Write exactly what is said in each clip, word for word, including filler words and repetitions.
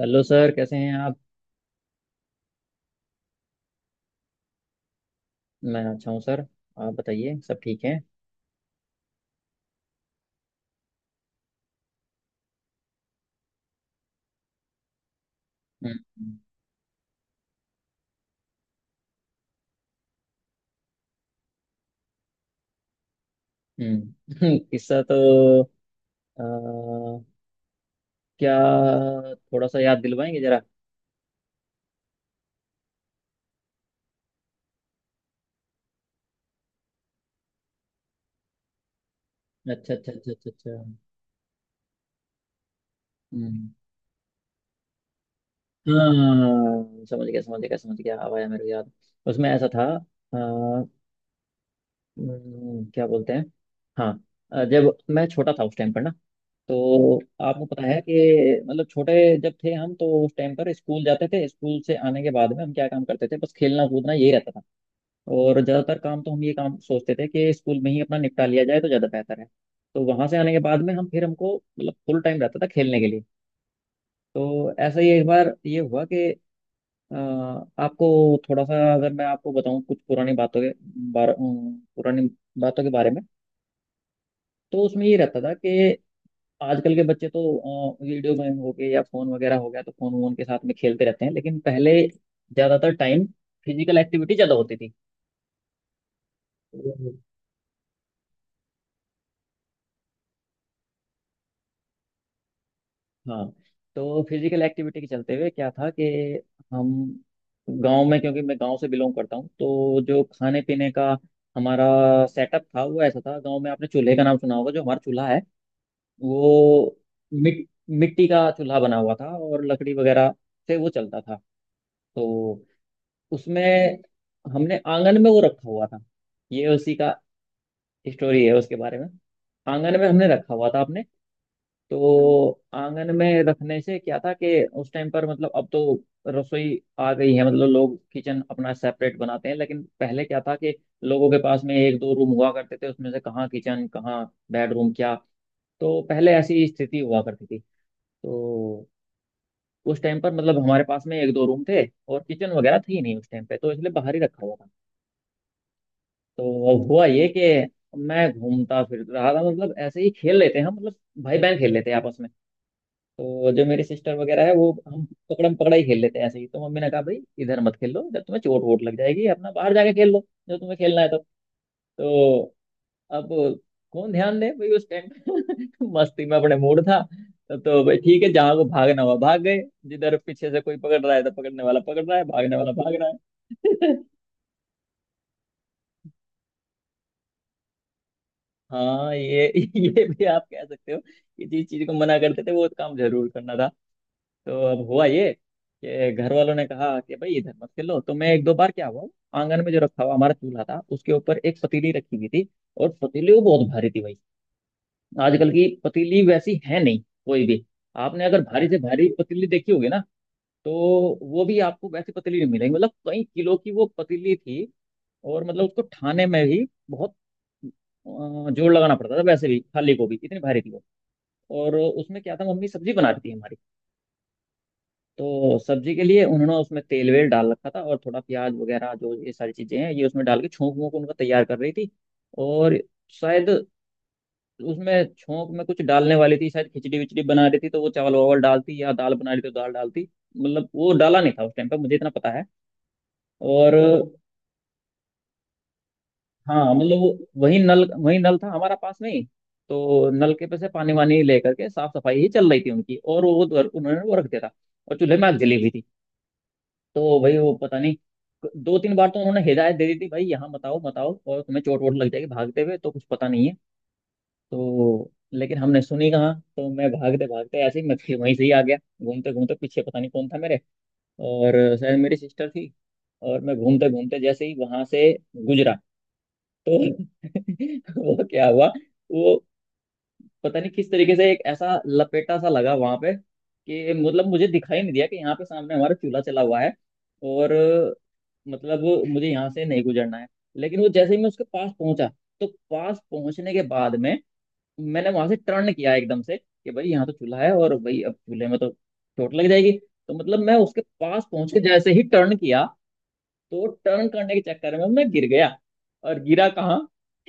Hello sir, कैसे हैं आप? मैं अच्छा हूँ सर। आप बताइए, सब ठीक है? हम्म। हम्म। किस्सा तो अ, क्या, थोड़ा सा याद दिलवाएंगे जरा। अच्छा, अच्छा, अच्छा, अच्छा, अच्छा। हम्म। हाँ, समझ गया, समझ गया, समझ गया, अब आया मेरे को याद। उसमें ऐसा था। अ, हम्म, क्या बोलते हैं। हाँ। अ, जब मैं छोटा था उस टाइम पर ना, तो आपको पता है कि मतलब, छोटे जब थे हम तो उस टाइम पर स्कूल जाते थे। स्कूल से आने के बाद में हम क्या काम करते थे? बस खेलना कूदना यही रहता था। और ज़्यादातर काम तो हम ये काम सोचते थे कि स्कूल में ही अपना निपटा लिया जाए तो ज़्यादा बेहतर है। तो वहाँ से आने के बाद में हम फिर हमको मतलब फुल टाइम रहता था खेलने के लिए। तो ऐसा ही एक बार ये हुआ कि अ, आपको, थोड़ा सा अगर मैं आपको बताऊं कुछ पुरानी बातों के बारे, पुरानी बातों के बारे में, तो उसमें ये रहता था कि आजकल के बच्चे तो वीडियो गेम हो गए या फोन वगैरह हो गया तो फोन वोन के साथ में खेलते रहते हैं, लेकिन पहले ज्यादातर टाइम फिजिकल एक्टिविटी ज्यादा होती थी। हम्म। हाँ। तो फिजिकल एक्टिविटी के चलते हुए क्या था कि हम, गांव में, क्योंकि मैं गांव से बिलोंग करता हूँ, तो जो खाने पीने का हमारा सेटअप था वो ऐसा था। गांव में आपने चूल्हे का नाम सुना होगा, जो हमारा चूल्हा है वो मिट, मिट्टी का चूल्हा बना हुआ था, और लकड़ी वगैरह से वो चलता था। तो उसमें, हमने आंगन में वो रखा हुआ था। ये उसी का स्टोरी है, उसके बारे में। आंगन में हमने रखा हुआ था आपने। तो आंगन में रखने से क्या था कि उस टाइम पर मतलब, अब तो रसोई आ गई है, मतलब लोग किचन अपना सेपरेट बनाते हैं, लेकिन पहले क्या था कि लोगों के पास में एक दो रूम हुआ करते थे, उसमें से कहाँ किचन कहाँ बेडरूम, क्या! तो पहले ऐसी स्थिति हुआ करती थी। तो उस टाइम पर मतलब हमारे पास में एक दो रूम थे, और किचन वगैरह थी नहीं उस टाइम पे, तो इसलिए बाहर ही रखा हुआ था। तो हुआ ये कि मैं घूमता फिर रहा था, मतलब ऐसे ही खेल लेते हैं हम, मतलब भाई बहन खेल लेते हैं आपस में। तो जो मेरी सिस्टर वगैरह है, वो हम पकड़म पकड़ा ही खेल लेते हैं ऐसे ही। तो मम्मी ने कहा, भाई इधर मत खेल लो, जब तुम्हें चोट वोट लग जाएगी, अपना बाहर जाके खेल लो जो तुम्हें खेलना है। तो तो अब कौन ध्यान दे भाई उस टाइम। मस्ती में अपने मूड था। तो तो भाई ठीक है, जहाँ को भागना हुआ भाग गए, जिधर पीछे से कोई पकड़ रहा है तो पकड़ने वाला पकड़ रहा है, भागने वाला भाग रहा है। हाँ। ये ये भी आप कह सकते हो कि जिस चीज को मना करते थे वो काम जरूर करना था। तो अब हुआ ये कि घर वालों ने कहा कि भाई इधर मत खेलो, तो मैं एक दो बार क्या हुआ, आंगन में जो रखा हुआ हमारा चूल्हा था उसके ऊपर एक पतीली रखी हुई थी, और पतीली वो बहुत भारी थी भाई। आजकल की पतीली वैसी है नहीं कोई भी। आपने अगर भारी से भारी पतीली देखी होगी ना, तो वो भी आपको वैसी पतीली नहीं मिलेगी। मतलब कई किलो की वो पतीली थी, और मतलब उसको ठाने में भी बहुत अ, जोर लगाना पड़ता था। वैसे भी खाली गोभी इतनी भारी थी वो। और उसमें क्या था, मम्मी सब्जी बना रही थी हमारी, तो सब्जी के लिए उन्होंने उसमें तेल वेल डाल रखा था, और थोड़ा प्याज वगैरह जो ये सारी चीजें हैं ये उसमें डाल के छोंक वोंक उनका तैयार कर रही थी। और शायद उसमें छोंक में कुछ डालने वाली थी, शायद खिचड़ी विचड़ी बना रही थी तो वो चावल वावल डालती, या दाल बना रही थी तो दाल डालती। मतलब वो डाला नहीं था उस टाइम पर, मुझे इतना पता है। और हाँ, मतलब वो, वही नल, वही नल था हमारा पास में ही। तो नलके पे से पानी वानी लेकर के साफ सफाई ही चल रही थी उनकी, और वो वो- उन्होंने वो रख दिया था। और चूल्हे में आग जली हुई थी। तो भाई वो पता नहीं, दो तीन बार तो उन्होंने हिदायत दे दी थी, भाई यहाँ मत आओ मत आओ, और तुम्हें चोट वोट लग जाएगी भागते हुए, तो कुछ पता नहीं है। तो लेकिन हमने सुनी कहाँ। तो मैं भागते भागते ऐसे ही, मैं फिर वहीं से ही आ गया घूमते घूमते। पीछे पता नहीं कौन था मेरे, और शायद मेरी सिस्टर थी। और मैं घूमते घूमते जैसे ही वहां से गुजरा, तो वो क्या हुआ, वो पता नहीं किस तरीके से एक ऐसा लपेटा सा लगा वहां पे कि मतलब मुझे दिखाई नहीं दिया कि यहाँ पे सामने हमारा चूल्हा चला हुआ है, और मतलब मुझे यहाँ से नहीं गुजरना है। लेकिन वो जैसे ही मैं उसके पास पहुंचा, तो पास पहुंचने के बाद में मैंने वहां से टर्न किया एकदम से कि भाई यहाँ तो चूल्हा है, और भाई अब चूल्हे में तो चोट लग जाएगी। तो मतलब मैं उसके पास पहुंच के जैसे ही टर्न किया, तो टर्न करने के चक्कर में मैं गिर गया, और गिरा कहाँ?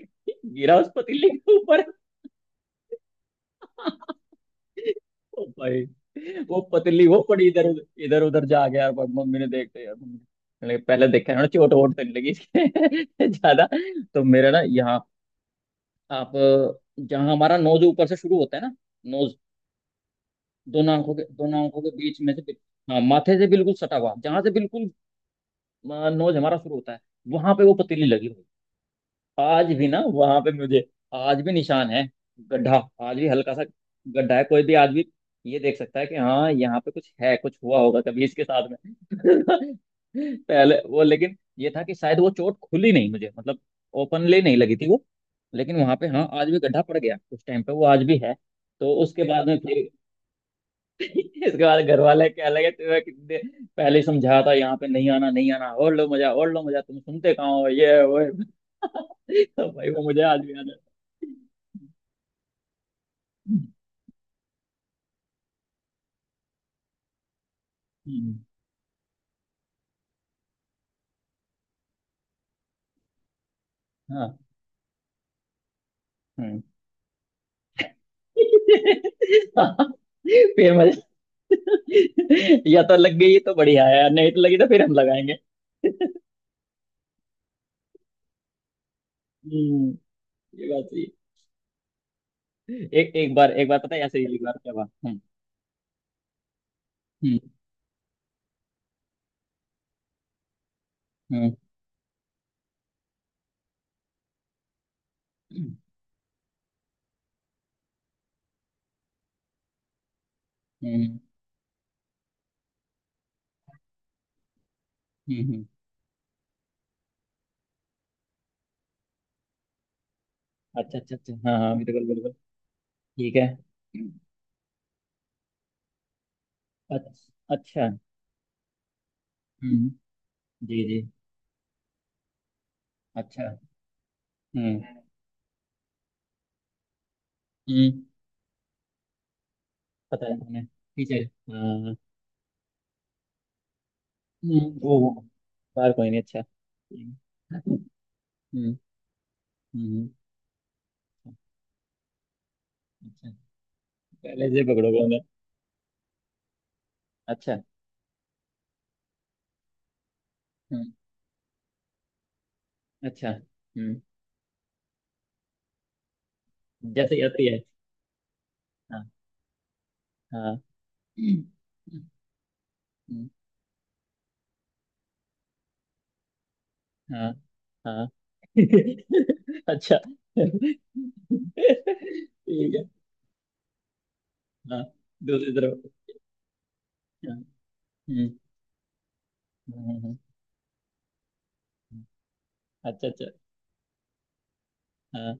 गिरा उस पतीले के ऊपर। ओ भाई, वो पतली वो पड़ी इधर उधर इधर उधर, जा गया यार। मम्मी ने देखते यार, मम्मी ने- पहले देखा ना चोट वोट तो नहीं लगी इसके ज्यादा। तो मेरा ना यहाँ, आप, जहाँ हमारा नोज ऊपर से शुरू होता है ना, नोज, दोनों आंखों के, दोनों आंखों के बीच में से बिल- हाँ, माथे से बिल्कुल सटा हुआ, जहाँ से बिल्कुल नोज हमारा शुरू होता है, वहां पे वो पतीली लगी। आज भी ना वहां पे मुझे, आज भी निशान है, गड्ढा, आज भी हल्का सा गड्ढा है। कोई भी आदमी ये देख सकता है कि हाँ यहाँ पे कुछ है, कुछ हुआ होगा कभी इसके साथ में। पहले वो, लेकिन ये था कि शायद वो चोट खुली नहीं मुझे, मतलब ओपनली नहीं लगी थी वो। लेकिन वहां पे हाँ, आज भी गड्ढा पड़ गया उस टाइम पे वो, आज भी है। तो उसके बाद में फिर, इसके बाद घर वाले क्या लगे, तुम्हें कितने पहले ही समझाया था यहाँ पे नहीं आना नहीं आना, और लो मजा और लो मजा, तुम सुनते कहाँ हो, ये है, वो है। तो भाई वो मुझे आज भी याद है। हम्म। हाँ। हम्म। फिर मजा, या तो लग गई तो बढ़िया है, नहीं तो लगी तो फिर हम लगाएंगे। हम्म। ये बात सही है। एक एक बार एक बार पता है ऐसे ही एक बार क्या हुआ। हम्म। हम्म। हम्म। हम्म। हम्म। हम्म। हम्म। अच्छा, अच्छा, अच्छा, हाँ, हाँ, बिल्कुल, बिल्कुल। ठीक है। अच्छ, अच्छा। हम्म। जी, जी। अच्छा। हम्म। हम्म। पता है हमें, ठीक है, हाँ। हम्म, वो, बार कोई नहीं, अच्छा। हम्म। हम्म। हम्म, अच्छा। पहले से पकड़ोगे उन्हें? अच्छा। हम्म। अच्छा। हम्म। जैसे यात्री है। हाँ। हाँ। हम्म। हाँ। हाँ। अच्छा, ठीक है। हाँ, दूसरी तरफ। हाँ। हम्म। हम्म। हम्म। अच्छा, अच्छा। हाँ,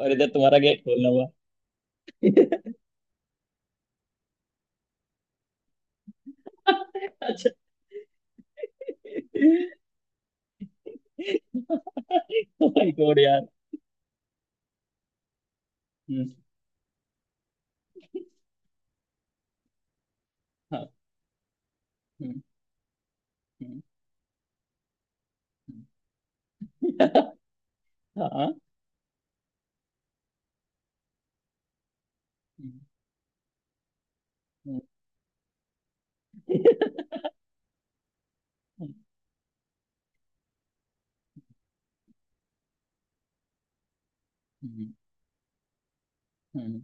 और इधर तुम्हारा गेट खोलना हुआ। अच्छा। माय गॉड यार। हम्म, हाँ। हम्म। हम्म। हम्म। हाँ। हम्म। हम्म। हम्म। हम्म।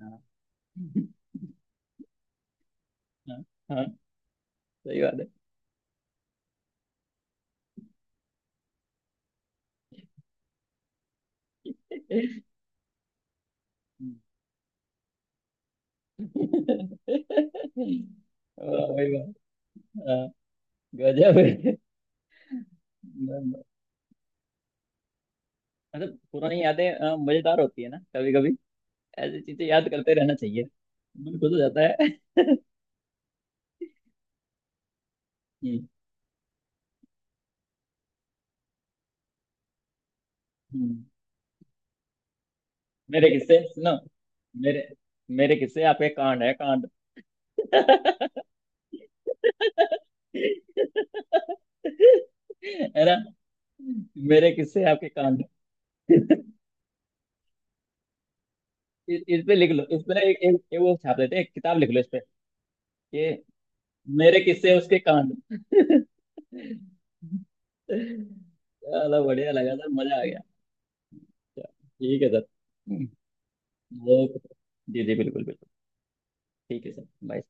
हम्म। हाँ हाँ, हाँ, सही बात है। वाह भाई वाह। हाँ, गजब है। मतलब पुरानी यादें अ, मजेदार होती है ना कभी कभी। ऐसी चीजें याद करते रहना चाहिए, मन खुश हो जाता है। हम्म। हम्म। मेरे किस्से सुनो। मेरे मेरे किस्से आपके कांड है, कांड, है ना। मेरे किस्से आपके कांड। इस, इस पे लिख लो, इस पे ना, एक, एक, एक वो छाप देते हैं, एक किताब लिख लो इस पे ये, मेरे किस्से उसके कांड। चलो बढ़िया लगा सर, मजा आ गया। चलो, ठीक है सर। हम्म। ओके, जी जी, बिल्कुल बिल्कुल। ठीक है सर, बाय।